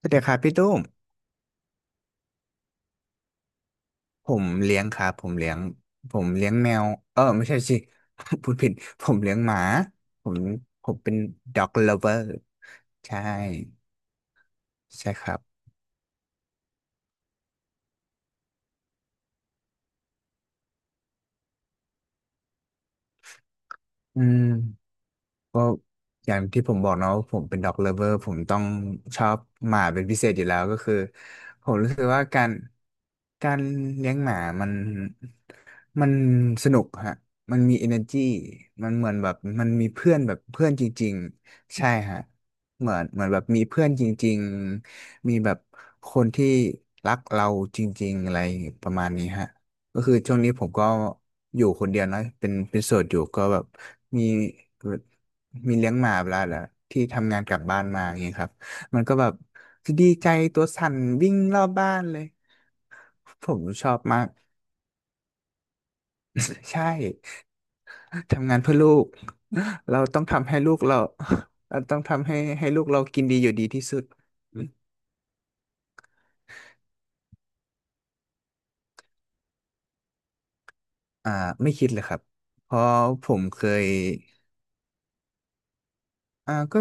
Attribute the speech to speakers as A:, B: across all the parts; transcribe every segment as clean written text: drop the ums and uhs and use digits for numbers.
A: สวัสดีครับพี่ตุ้มผมเลี้ยงครับผมเลี้ยงแมวไม่ใช่สิ พูดผิดผมเลี้ยงหมาผมผมเป็น dog lover ใช่ใช่ครับอืม อย่างที่ผมบอกเนาะว่าผมเป็นด็อกเลิฟเวอร์ผมต้องชอบหมาเป็นพิเศษอยู่แล้วก็คือผมรู้สึกว่าการเลี้ยงหมามันมันสนุกฮะมันมี energy มันเหมือนแบบมันมีเพื่อนแบบเพื่อนจริงๆใช่ฮะเหมือนแบบมีเพื่อนจริงๆมีแบบคนที่รักเราจริงๆอะไรประมาณนี้ฮะก็คือช่วงนี้ผมก็อยู่คนเดียวเนอะเป็นโสดอยู่ก็แบบมี มีเลี้ยงหมาเวลาละที่ทำงานกลับบ้านมาอย่างเงี้ยครับมันก็แบบดีใจตัวสั่นวิ่งรอบบ้านเลยผมชอบมาก ใช่ทำงานเพื่อลูกเราต้องทำให้ลูกเรา เราต้องทำให้ลูกเรากินดีอยู่ดีที่สุดอ่าไม่คิดเลยครับเพราะผมเคย อ่าก็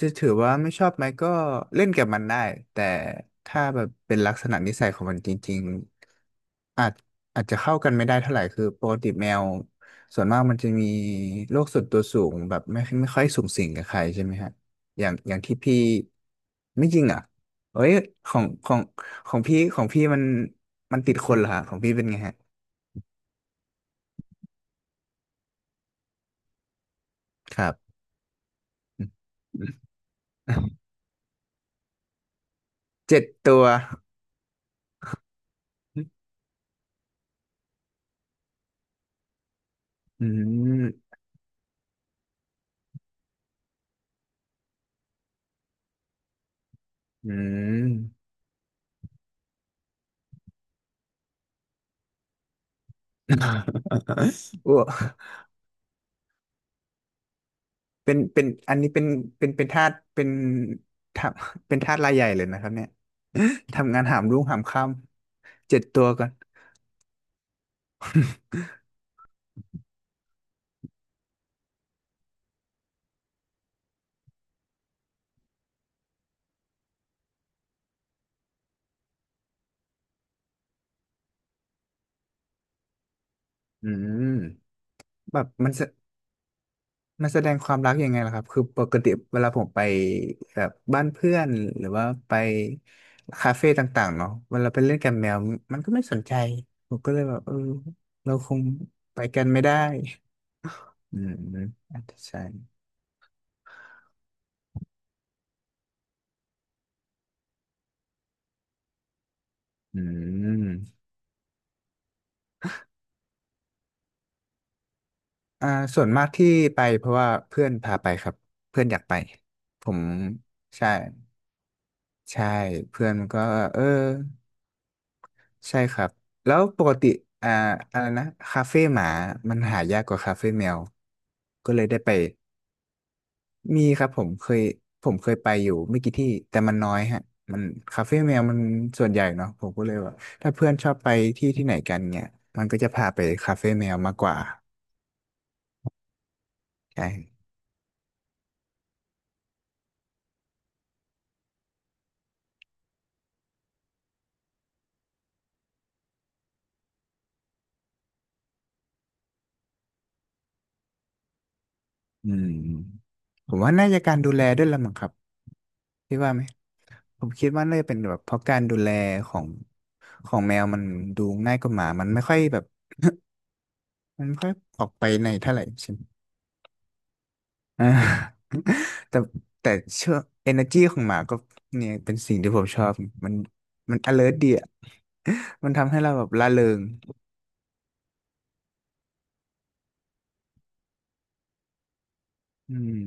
A: จะถือว่าไม่ชอบไหมก็เล่นกับมันได้แต่ถ้าแบบเป็นลักษณะนิสัยของมันจริงๆอาจจะเข้ากันไม่ได้เท่าไหร่คือปกติแมวส่วนมากมันจะมีโรคส่วนตัวสูงแบบไม่ค่อยสูงสิงกับใครใช่ไหมฮะอย่างที่พี่ไม่จริงอ่ะเอ้ยของของพี่มันมันติดคนเหรอฮะของพี่เป็นไงฮะครับ เจ็ดตัวอืมอืม โอ้เป็นอันนี้เป็นทาสทาเป็นทาสรายใหญ่เลยนะครับเนี่ย ทำงานหามรุ่งหามค่ำเจ็ดตัวก่อนอืมแบบมันแสดงความรักยังไงล่ะครับ คือปกติเวลาผมไปแบบบ้านเพื่อนหรือว่าไปคาเฟ่ต่างๆเนาะเวลาไปเล่นกับแมวมันก็ไม่สนใจ ผมก็เลยแบบเออเราคงไปกันไม่ได้อืมอาจจะใช่อืม อ่าส่วนมากที่ไปเพราะว่าเพื่อนพาไปครับเพื่อนอยากไปผมใช่ใช่เพื่อนก็เออใช่ครับแล้วปกติอ่าอะไรนะคาเฟ่หมามันหายากกว่าคาเฟ่แมวก็เลยได้ไปมีครับผมเคยผมเคยไปอยู่ไม่กี่ที่แต่มันน้อยฮะมันคาเฟ่แมวมันส่วนใหญ่เนาะผมก็เลยว่าถ้าเพื่อนชอบไปที่ที่ไหนกันเนี่ยมันก็จะพาไปคาเฟ่แมวมากกว่าใช่ อืมผมว่าน่าจะการดูแลด้วยละมั้งครับพี่ว่าไหมผมคิดว่าน่าจะเป็นแบบเพราะการดูแลของของแมวมันดูง่ายกว่าหมามันไม่ค่อยแบบไม่ค่อยออกไปในเท่าไหร่ใช่ไหมอ่า แต่แต่เชื่อ energy ของหมาก็เนี่ยเป็นสิ่งที่ผมชอบมันมัน alert ดีอะมันทำให้เราแบบร่าเริงอืม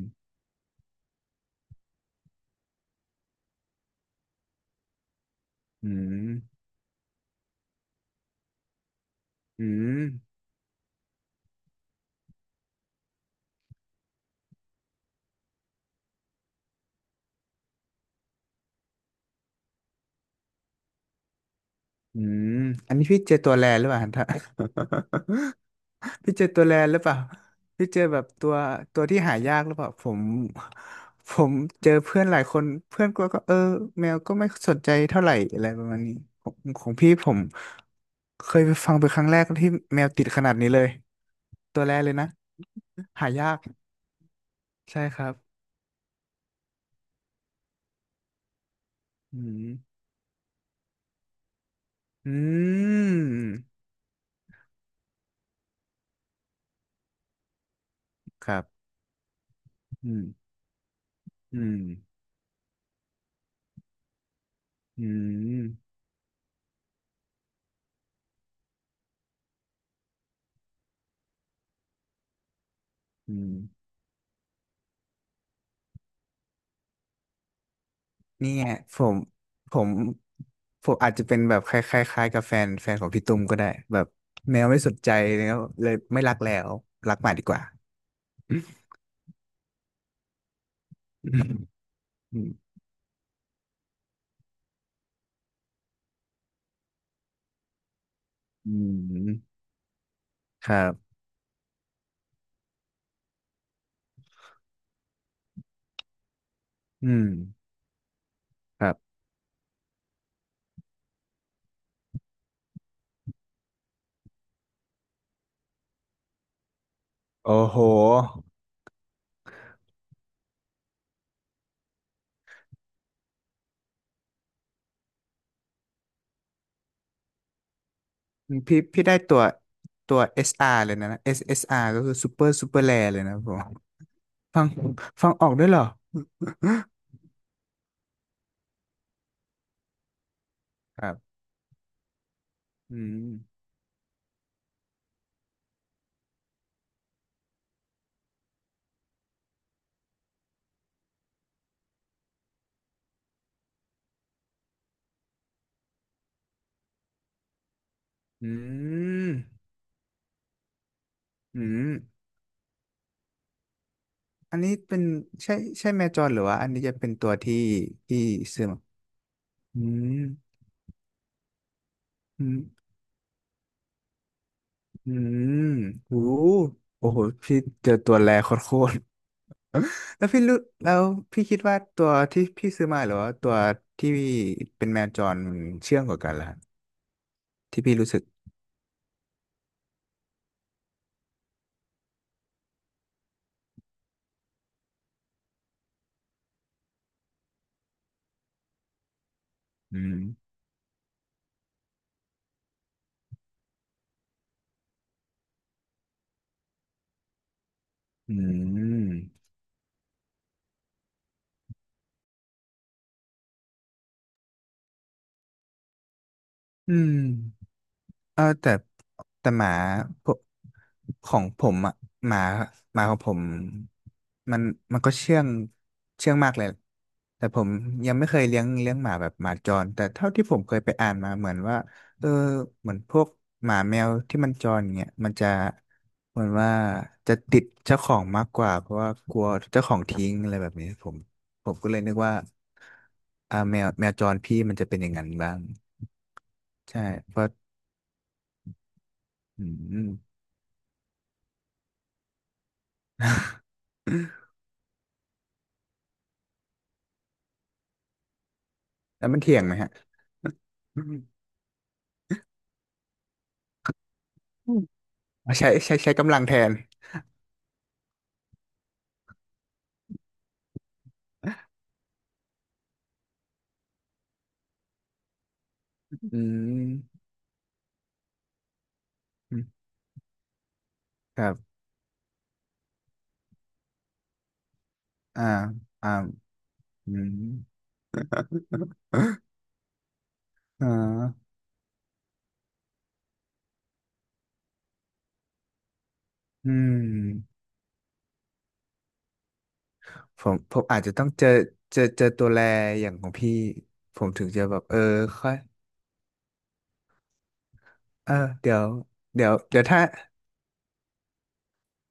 A: อืมอืมอืมอันนี้พี่เจอตัวแลหรือเปล่าฮะ พี่เจอตัวแลนหรือเปล่าพี่เจอแบบตัวตัวที่หายากหรือเปล่าผมผมเจอเพื่อนหลายคนเพื่อนก็ก็เออแมวก็ไม่สนใจเท่าไหร่อะไรประมาณนี้ของพี่ผมเคยไปฟังเป็นครั้งแรกที่แมวติดขนาดนี้เลยตัวแลเลยนะหายากใช่ครับอืมอืมครับอืมอืมอืมอืม นี่ไงผมผมผมอาจจะเป็นแบบคล้ายๆคล้ายกับแฟนของพี่ตุ้มก็ได้แบบแมวไม่สนใจแล้วเลยไม่รักแล้วรักหมาดีกว่าอืมอืมอืมครับอืมครับโอ้โหพี่พี่ได้ตัวตัว SR เลยนะ SSR ก็คือ Super Super Rare เลยนะผมฟังฟังออกด้วยเหรอ ครับอืมอืมอืม อันนี้เป็นใช่ใช่แมวจรหรือว่าอันนี้จะเป็นตัวที่ที่ซื้อมาอืมอืมอืมโอ้โอ้โหพี่เจอตัวแรโคตรๆ แล้วพี่รู้แล้วพี่คิดว่าตัวที่พี่ซื้อมาหรือว่าตัวที่เป็นแมวจรมันเชื่องกว่ากันล่ะที่พี่รู้สึกอืมอืมอืม เออแต่แต่หมาพวกของผมอ่ะหมาหมาของผมมันมันก็เชื่องเชื่องมากเลยแต่ผมยังไม่เคยเลี้ยงหมาแบบหมาจรแต่เท่าที่ผมเคยไปอ่านมาเหมือนว่าเออเหมือนพวกหมาแมวที่มันจรเนี้ยมันจะเหมือนว่าจะติดเจ้าของมากกว่าเพราะว่ากลัวเจ้าของทิ้งอะไรแบบนี้ผมก็เลยนึกว่าอ่าแมวจรพี่มันจะเป็นอย่างนั้นบ้างใช่เพราะอืม แล้วมันเถียงไหมฮะอืมอ๋อใช้ใช้กำลังแทนอืมครับอ่าอ่าอืมอ่าอืมผมอาจจะต้องเจอเจอตัวแลอย่างของพี่ผมถึงจะแบบเออค่อยเออเดี๋ยวเดี๋ยวถ้า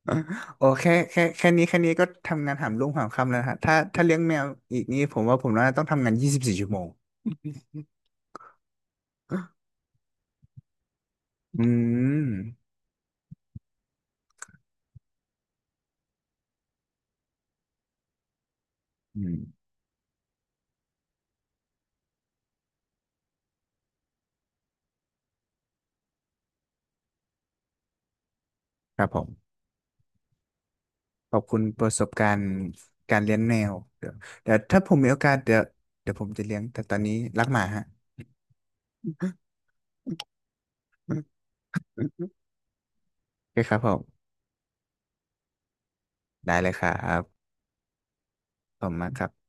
A: โอ้แค่แค่นี้แค่นี้ก็ทำงานหามรุ่งหามค่ำแล้วนะฮะถ้าเลี้ยงแมวอีกนี่ผมว่าผมน่าจะต้องทำงาน24 ชั่วโมงอืมอืมครับผม ขอบคุณประสบการณ์การเลี้ยงแมวเดี๋ยวถ้าผมมีโอกาสเดี๋ยวเดี๋ยวผมจะเลี้ยงแต่ตอนนี้รักหมาฮะ โอเคครับผมได้เลยครับผมมากครับ